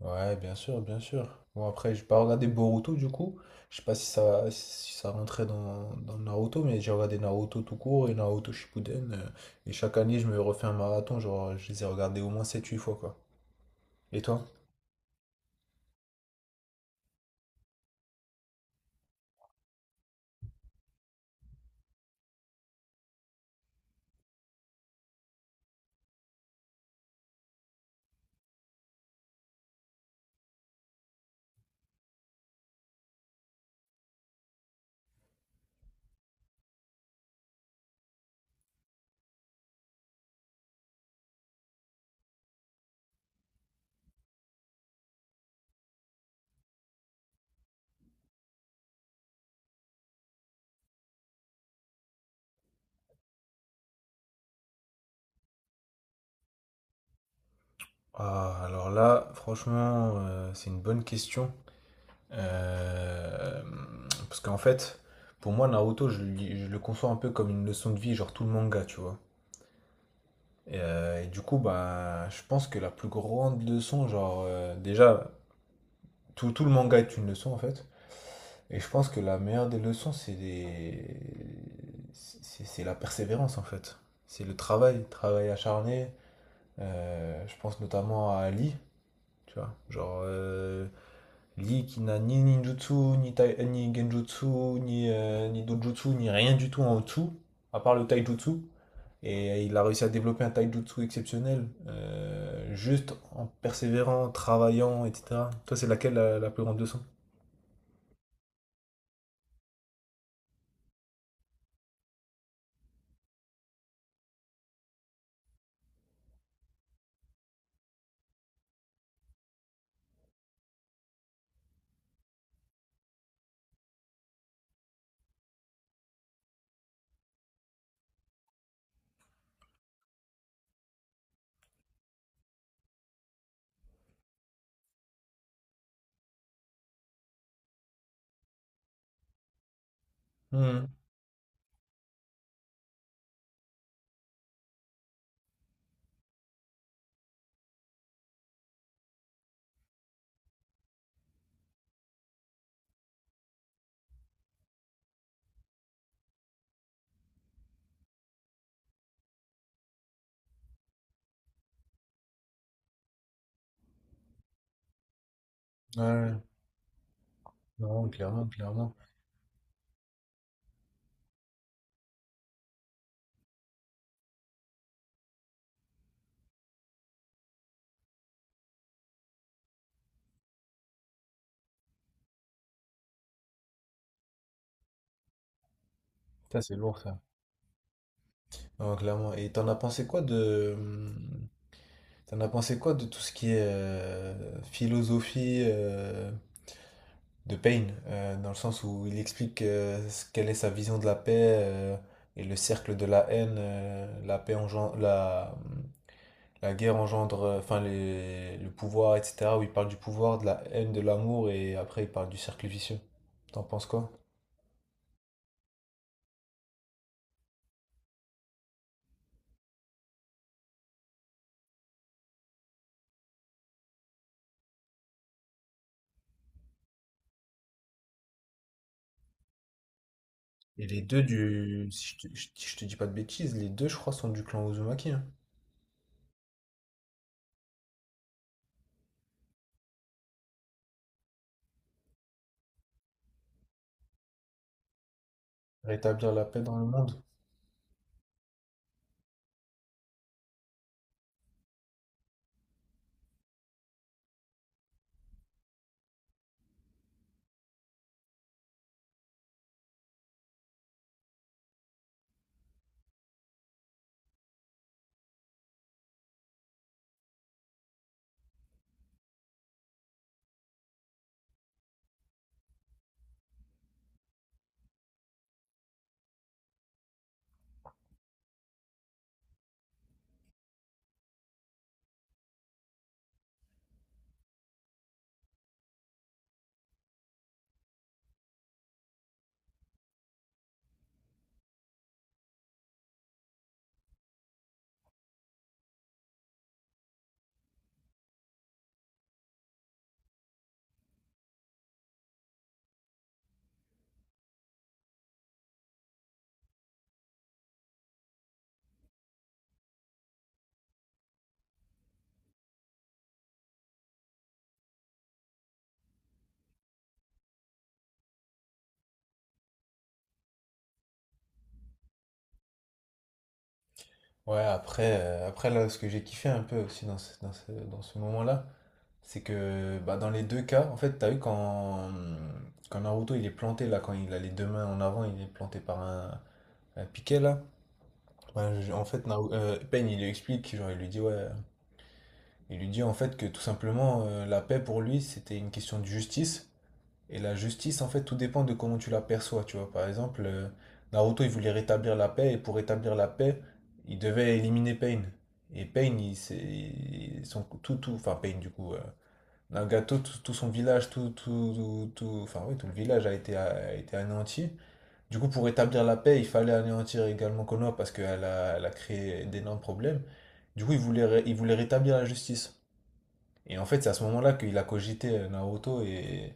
Ouais, bien sûr, bien sûr. Bon, après, j'ai pas regardé Boruto du coup. Je sais pas si ça, si ça rentrait dans Naruto, mais j'ai regardé Naruto tout court et Naruto Shippuden. Et chaque année, je me refais un marathon. Genre, je les ai regardés au moins sept huit fois, quoi. Et toi? Ah, alors là, franchement, c'est une bonne question. Euh, Parce qu'en fait, pour moi, Naruto, je le conçois un peu comme une leçon de vie, genre tout le manga, tu vois. Et du coup, bah, je pense que la plus grande leçon, déjà, tout le manga est une leçon en fait. Et je pense que la meilleure des leçons, c'est la persévérance en fait. C'est le travail acharné. Je pense notamment à Lee, tu vois. Lee qui n'a ni ninjutsu, ni genjutsu, ni dojutsu, ni rien du tout en dessous, à part le taijutsu. Et il a réussi à développer un taijutsu exceptionnel, juste en persévérant, travaillant, etc. Toi, c'est laquelle la plus grande leçon? Hmm. Ouais, non, clairement, clairement. Ça c'est lourd ça. Non, clairement. Et t'en as pensé quoi t'en as pensé quoi de tout ce qui est philosophie de Payne, dans le sens où il explique quelle est sa vision de la paix, et le cercle de la haine, la paix engendre, la, hmm, la guerre engendre, le pouvoir, etc. Où il parle du pouvoir, de la haine, de l'amour, et après il parle du cercle vicieux. T'en penses quoi? Et les deux du... Si je si je te dis pas de bêtises, les deux, je crois, sont du clan Uzumaki, hein. Rétablir la paix dans le monde. Ouais, après, là, ce que j'ai kiffé un peu aussi dans ce moment-là, c'est que bah, dans les deux cas, en fait, t'as vu quand, quand Naruto il est planté, là, quand il a les deux mains en avant, il est planté par un piquet, là. En fait, Pain, il lui explique, genre, il lui dit, ouais, il lui dit en fait que tout simplement, la paix pour lui, c'était une question de justice. Et la justice, en fait, tout dépend de comment tu la perçois, tu vois. Par exemple, Naruto, il voulait rétablir la paix, et pour rétablir la paix, il devait éliminer Pain. Et Pain, il, s'est- il- son, tout, tout, enfin Pain, du coup, Nagato, tout, tout son village, tout, tout, tout, tout- enfin oui, tout le village a été anéanti. Du coup, pour rétablir la paix, il fallait anéantir également Konoha parce qu'elle elle a créé d'énormes problèmes. Du coup, il voulait rétablir la justice. Et en fait, c'est à ce moment-là qu'il a cogité Naruto, et,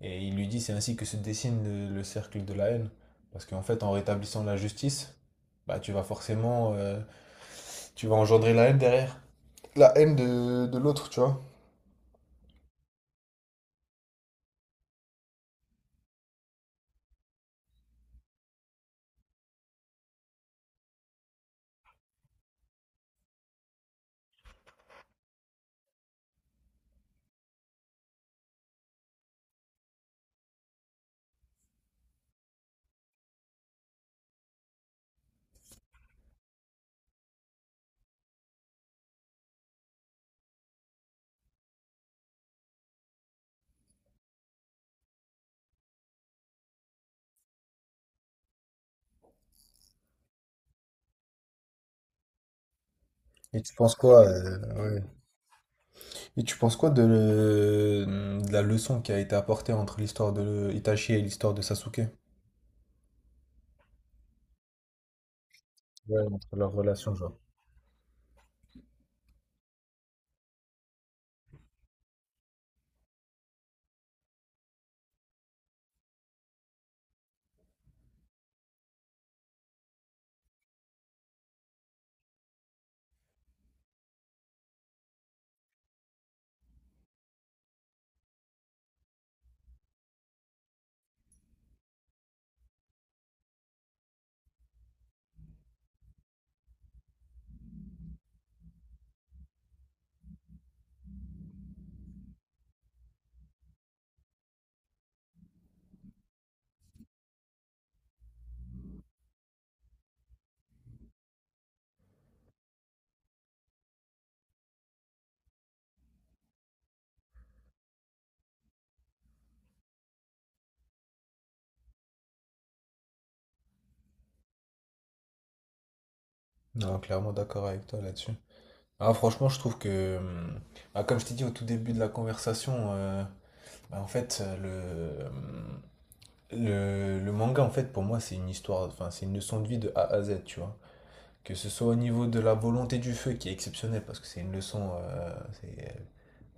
et il lui dit c'est ainsi que se dessine le cercle de la haine. Parce qu'en fait, en rétablissant la justice, bah, tu vas forcément tu vas engendrer la haine derrière. La haine de l'autre, tu vois. Et tu penses quoi, ouais. Et tu penses quoi de, de la leçon qui a été apportée entre l'histoire de Itachi et l'histoire de Sasuke? Ouais, entre leur relation genre. Non, clairement d'accord avec toi là-dessus. Ah, franchement, je trouve que, bah, comme je t'ai dit au tout début de la conversation, bah, en fait, le manga, en fait, pour moi, c'est une histoire, enfin, c'est une leçon de vie de A à Z, tu vois. Que ce soit au niveau de la volonté du feu, qui est exceptionnelle, parce que c'est une leçon, c'est euh,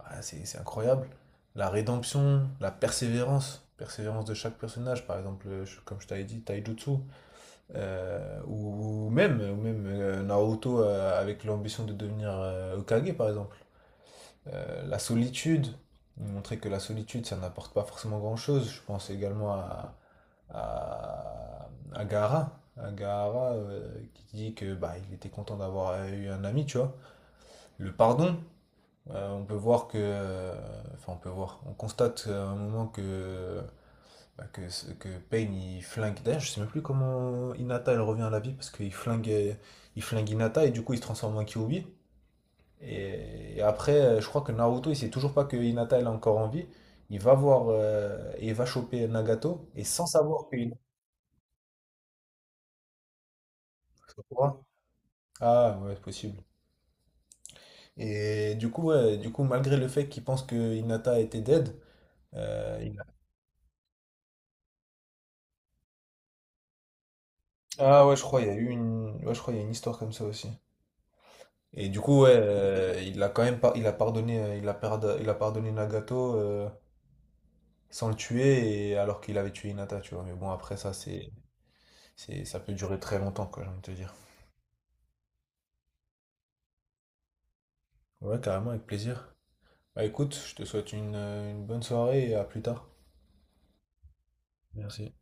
c'est incroyable. La rédemption, persévérance de chaque personnage, par exemple, comme je t'avais dit, Taijutsu, ou même Naruto avec l'ambition de devenir Hokage, par exemple. Euh, la solitude, Montrer que la solitude, ça n'apporte pas forcément grand-chose. Je pense également à, à Gaara. À Gaara, qui dit que bah, il était content d'avoir eu un ami, tu vois. Le pardon, on peut voir que, on peut voir, on constate à un moment que que Payne il flingue. D'ailleurs, je sais même plus comment Hinata elle revient à la vie parce qu'il flingue, il flingue Hinata, et du coup il se transforme en Kyuubi. Et après, je crois que Naruto il sait toujours pas que Hinata elle est encore en vie. Il va voir et il va choper Nagato et sans savoir que... Ah ouais, c'est possible. Et du coup, ouais, du coup, malgré le fait qu'il pense que Hinata était dead, euh, il a- Ah ouais, je crois, il y a eu une... Ouais, je crois, il y a une histoire comme ça aussi. Et du coup, ouais, il a pardonné, il a pardonné Nagato, sans le tuer, et... alors qu'il avait tué Hinata, tu vois. Mais bon, après ça, ça peut durer très longtemps, quoi, j'ai envie de te dire. Ouais, carrément, avec plaisir. Bah écoute, je te souhaite une bonne soirée, et à plus tard. Merci.